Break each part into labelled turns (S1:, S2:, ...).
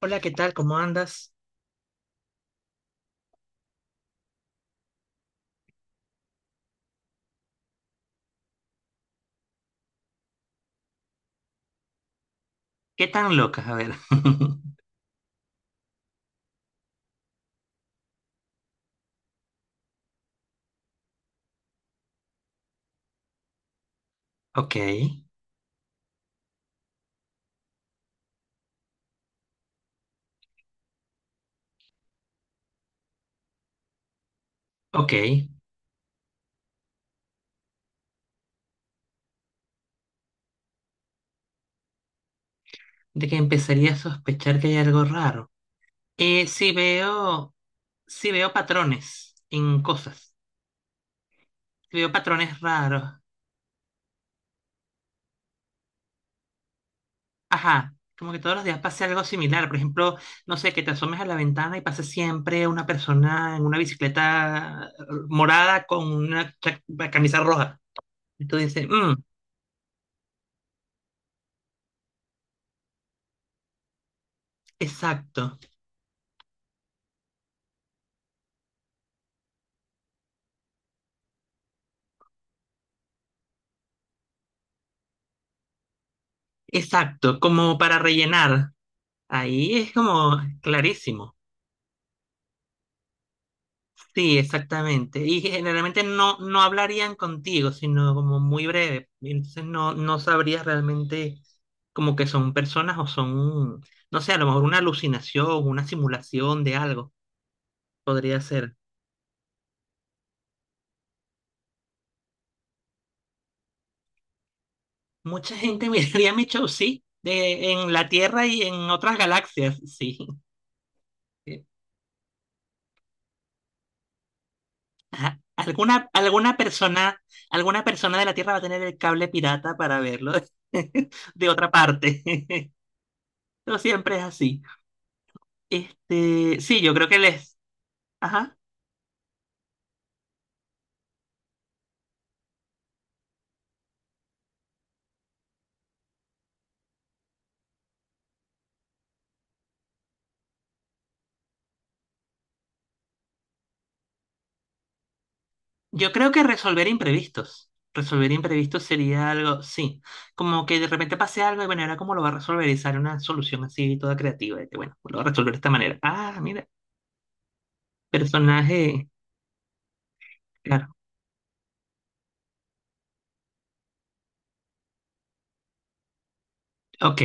S1: Hola, ¿qué tal? ¿Cómo andas? ¿Qué tan locas? A ver. Ok, ok. ¿De que empezaría a sospechar que hay algo raro? Eh, sí veo, sí veo patrones en cosas. Sí veo patrones raros. Ajá. Como que todos los días pase algo similar. Por ejemplo, no sé, que te asomes a la ventana y pase siempre una persona en una bicicleta morada con una camisa roja. Y tú dices, "Mm, exacto, exacto, como para rellenar. Ahí es como clarísimo. Sí, exactamente. Y generalmente no hablarían contigo, sino como muy breve. Y entonces no sabrías realmente como que son personas o son, no sé, a lo mejor una alucinación, una simulación de algo. Podría ser. Mucha gente miraría mi show, sí, de, en la Tierra y en otras galaxias, sí. Eh, ajá. Alguna persona de la Tierra va a tener el cable pirata para verlo de otra parte. No siempre es así. Sí, yo creo que les, ajá, yo creo que resolver imprevistos. Resolver imprevistos sería algo, sí, como que de repente pase algo y bueno, ahora cómo lo va a resolver y sale una solución así toda creativa, de que bueno, lo va a resolver de esta manera. Ah, mira, personaje, claro, ok.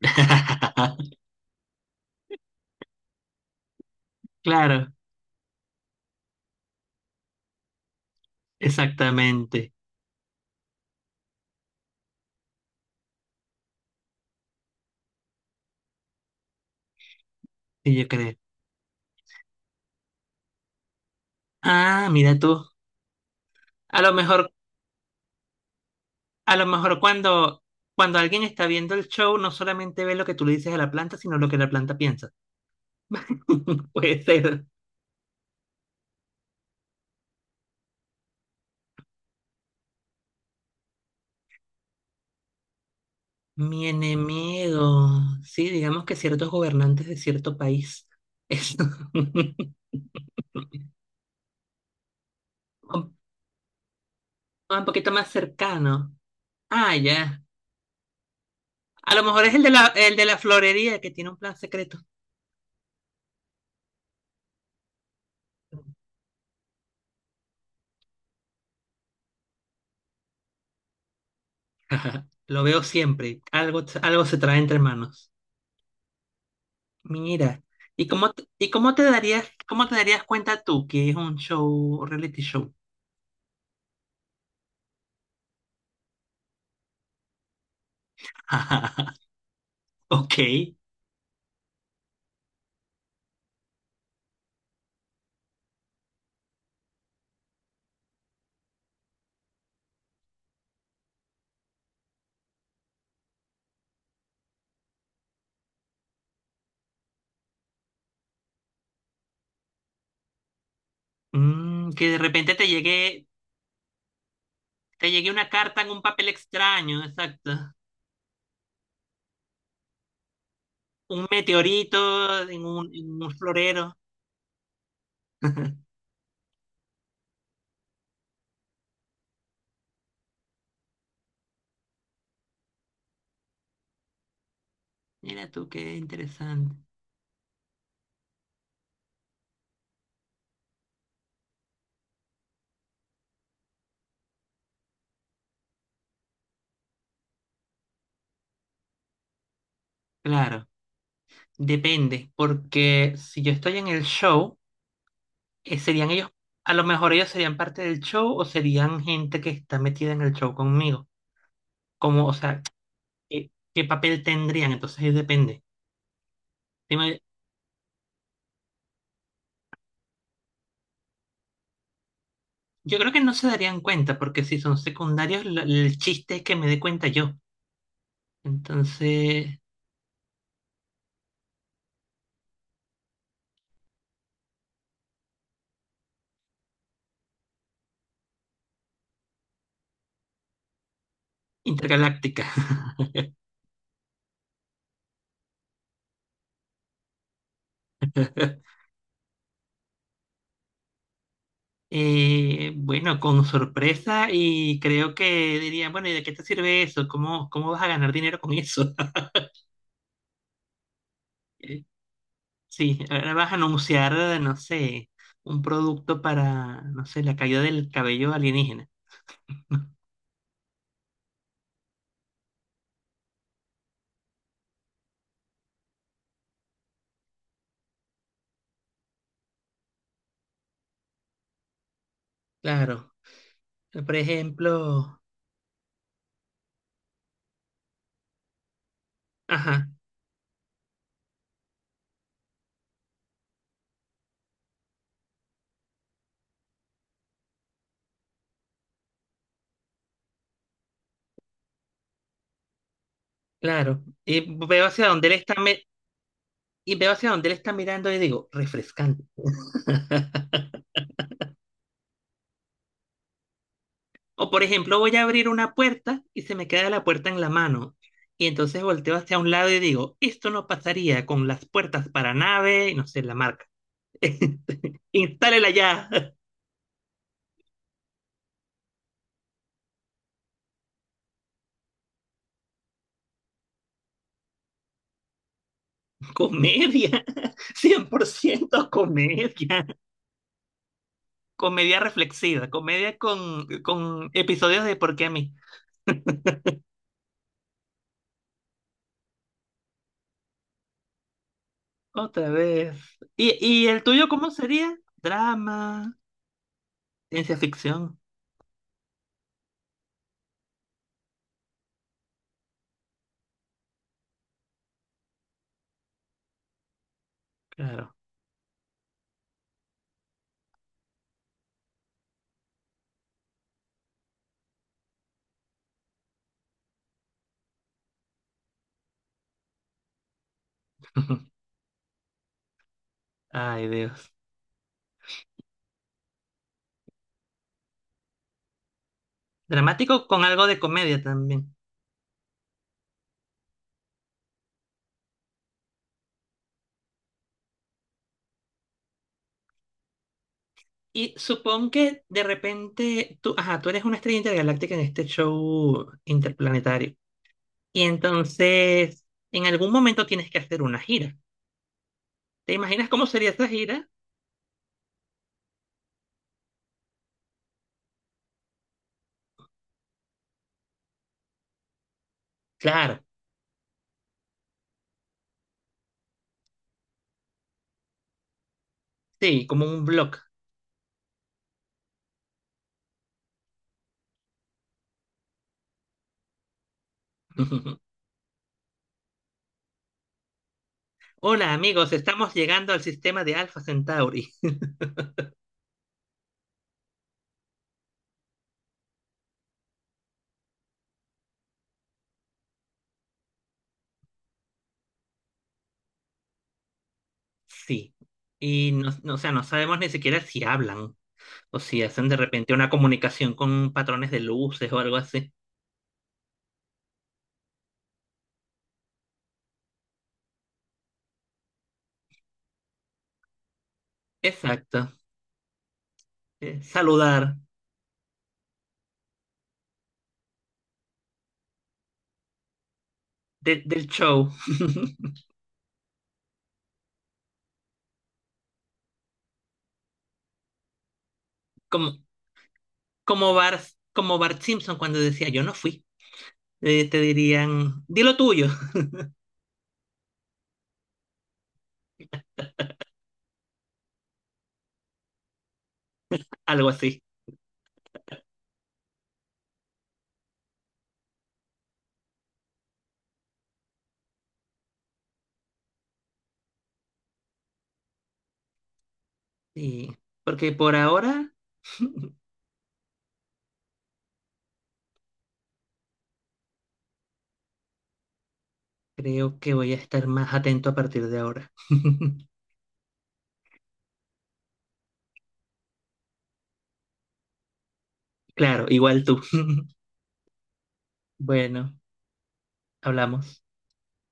S1: Claro, exactamente, sí, yo creo. Ah, mira tú, a lo mejor, a lo mejor cuando, cuando alguien está viendo el show, no solamente ve lo que tú le dices a la planta, sino lo que la planta piensa. Puede ser. Mi enemigo. Sí, digamos que ciertos gobernantes de cierto país. Es un, un poquito más cercano. Ah, ya. A lo mejor es el de el de la florería que tiene un plan secreto. Ajá, lo veo siempre. Algo, algo se trae entre manos. Mira, ¿y cómo, y cómo te darías cuenta tú que es un show, reality show? Ok. Mm, que de repente te llegue, te llegué una carta en un papel extraño, exacto. Un meteorito en un florero. Mira tú, qué interesante. Claro, depende, porque si yo estoy en el show, serían ellos, a lo mejor ellos serían parte del show o serían gente que está metida en el show conmigo. Como, o sea, ¿qué, qué papel tendrían? Entonces ahí depende. Dime, yo creo que no se darían cuenta, porque si son secundarios, el chiste es que me dé cuenta yo. Entonces, intergaláctica. Bueno, con sorpresa y creo que dirían, bueno, ¿y de qué te sirve eso? ¿Cómo, cómo vas a ganar dinero con eso? Eh, sí, ahora vas a anunciar, no sé, un producto para, no sé, la caída del cabello alienígena. Claro, por ejemplo, ajá, claro, y veo hacia dónde él está, y veo hacia dónde él está mirando y digo, refrescante. O por ejemplo, voy a abrir una puerta y se me queda la puerta en la mano. Y entonces volteo hacia un lado y digo, esto no pasaría con las puertas para nave, y no sé, la marca. Instálela ya. Comedia. Cien por ciento comedia. Comedia reflexiva. Comedia con episodios de ¿por qué a mí? Otra vez. ¿Y, y el tuyo cómo sería? Drama, ciencia ficción. Claro. Ay, Dios. Dramático con algo de comedia también. Y supón que de repente tú, ajá, tú eres una estrella intergaláctica en este show interplanetario. Y entonces, en algún momento tienes que hacer una gira. ¿Te imaginas cómo sería esa gira? Claro, sí, como un blog. Hola amigos, estamos llegando al sistema de Alpha Centauri. Sí. Y no, o sea, no sabemos ni siquiera si hablan o si hacen de repente una comunicación con patrones de luces o algo así. Exacto. Saludar del show. Como, como Bart, como Bart Simpson cuando decía yo no fui, te dirían, di lo tuyo. Algo así. Y porque por ahora creo que voy a estar más atento a partir de ahora. Claro, igual tú. Bueno, hablamos.